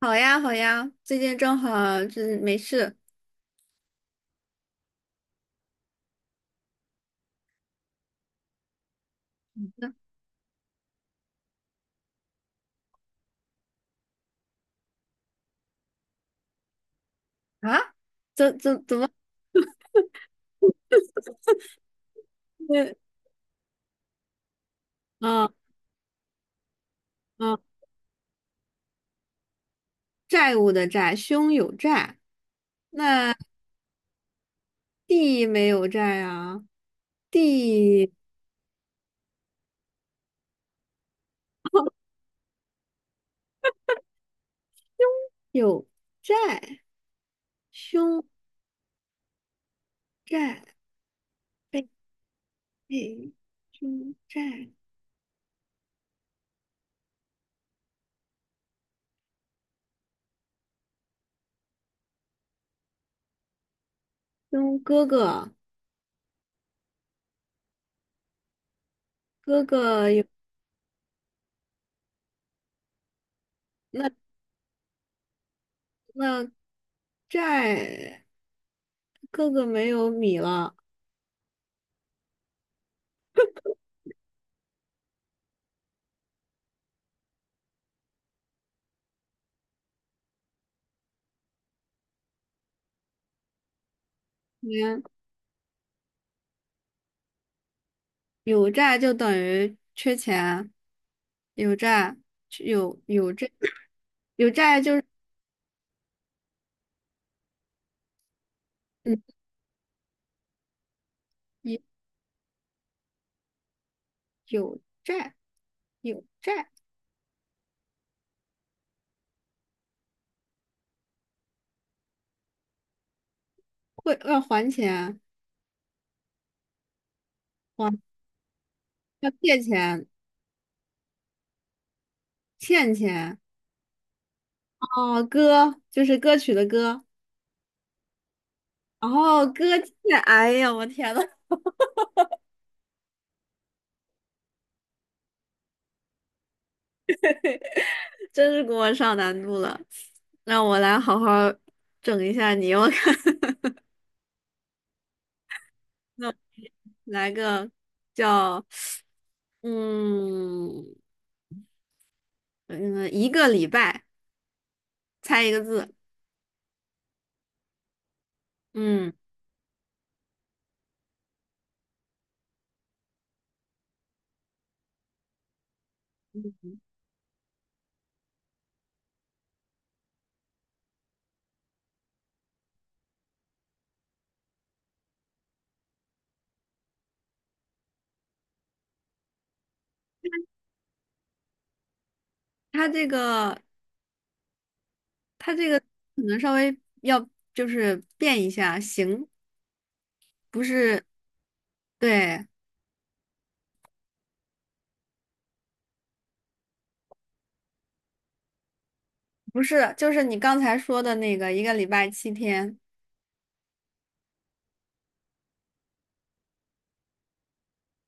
好呀，好呀，最近正好就是没事啊，怎么会？嗯嗯，债务的债，兄有债，那弟没有债啊，弟有债，兄债，背背，兄债，兄哥哥，哥哥有那那债，哥哥没有米了，有债就等于缺钱，有债有有债，有债就是嗯，有有有债会要还钱，还要借钱，欠钱。哦，歌就是歌曲的歌，哦后歌欠，哎呀我天呐，真是给我上难度了，让我来好好整一下你，我看。 那我来个叫嗯嗯一个礼拜。猜一个字。嗯，它这个，它这个可能稍微要就是变一下形，不是，对，不是，就是你刚才说的那个一个礼拜七天，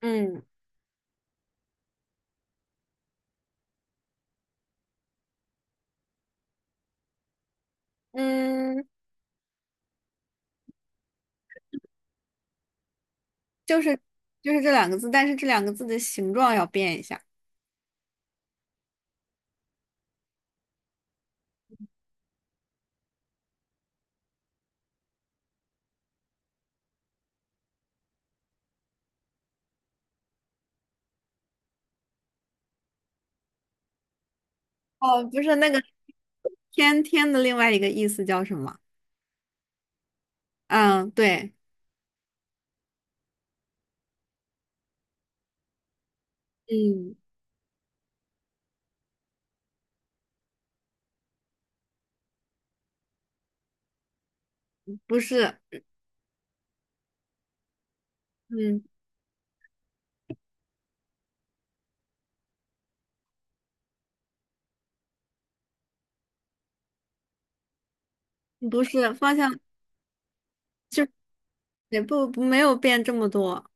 嗯，嗯，就是就是这两个字，但是这两个字的形状要变一下。哦，不是那个天天的另外一个意思叫什么？嗯，对，嗯，不是，嗯，不是，方向也不没有变这么多。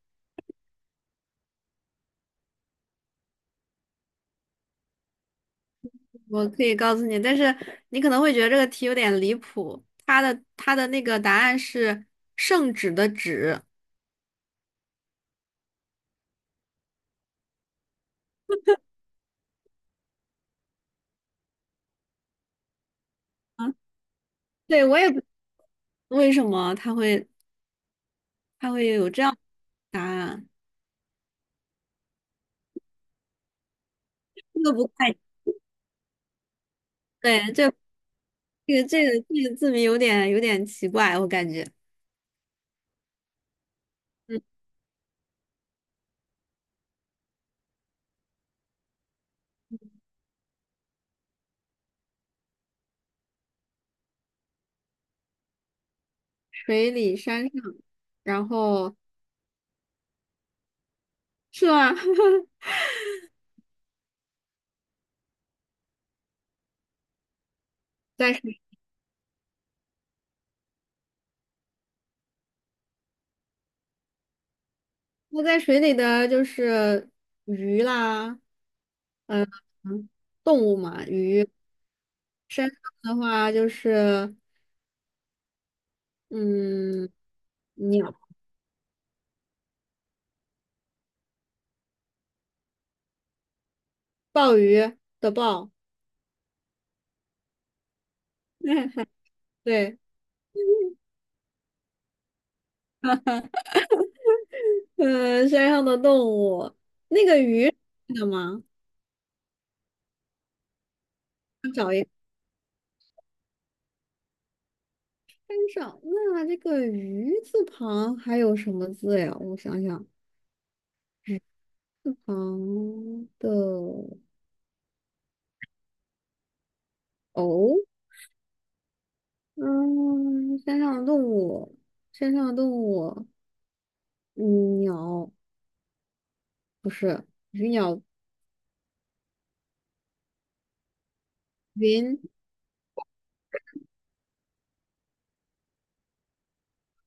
我可以告诉你，但是你可能会觉得这个题有点离谱。它的那个答案是圣旨的旨。嗯，对，我也不为什么它会，它会有这样的答案，这个不太对，这个字谜有点有点奇怪，我感觉。嗯，水里山上，然后是啊，在水那在水里的就是鱼啦，呃，嗯，动物嘛，鱼的话就是嗯。鸟，鲍鱼的鲍，对，山上的动物，那个鱼的吗？找一个山上，那这个鱼字旁还有什么字呀？我想想，鱼字旁的哦，嗯，山上的动物，山上的动物，嗯，鸟不是，鱼鸟云，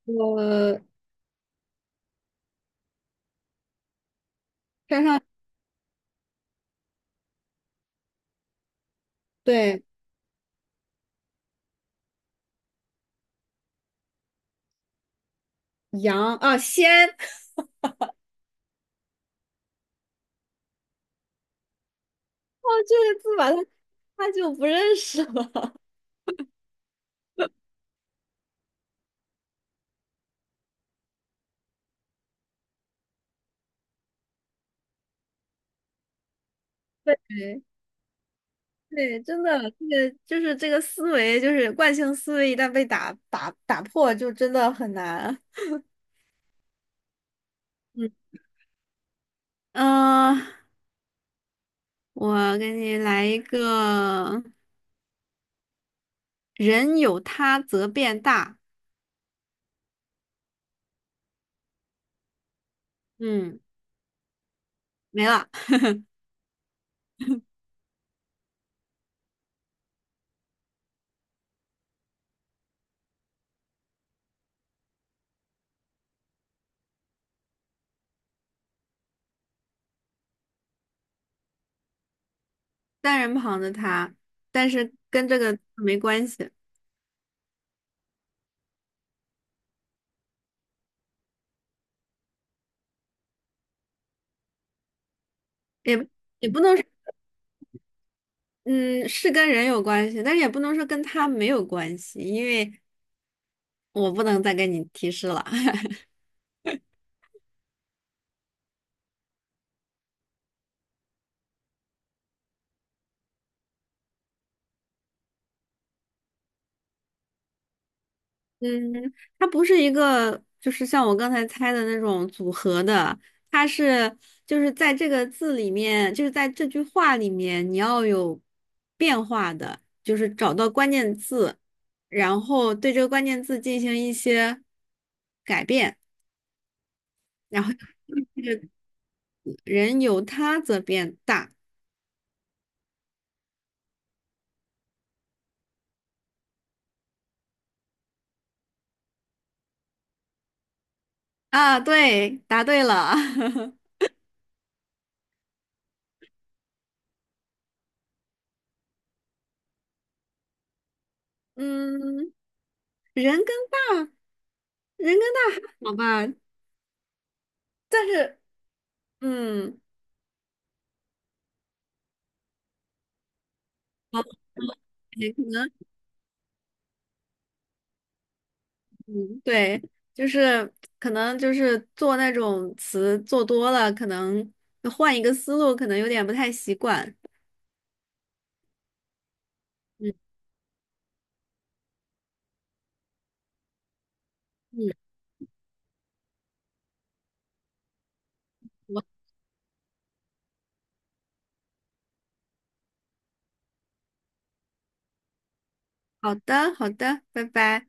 我山上对，羊啊，仙，哦，这个字吧，他他就不认识了。对对，真的，这个就是这个思维，就是惯性思维，一旦被打破，就真的很难。嗯，呃，我给你来一个，人有他则变大，嗯，没了，单人旁的他，但是跟这个没关系，也也不能说嗯，是跟人有关系，但是也不能说跟他没有关系，因为我不能再给你提示了。嗯，它不是一个，就是像我刚才猜的那种组合的，它是就是在这个字里面，就是在这句话里面，你要有变化的，就是找到关键字，然后对这个关键字进行一些改变，然后这个人由他则变大啊，对，答对了，嗯，人跟大，人跟大还好吧，但是嗯。OK，可能嗯，对，就是可能就是做那种词做多了，可能换一个思路，可能有点不太习惯。嗯嗯，我好的好的，拜拜。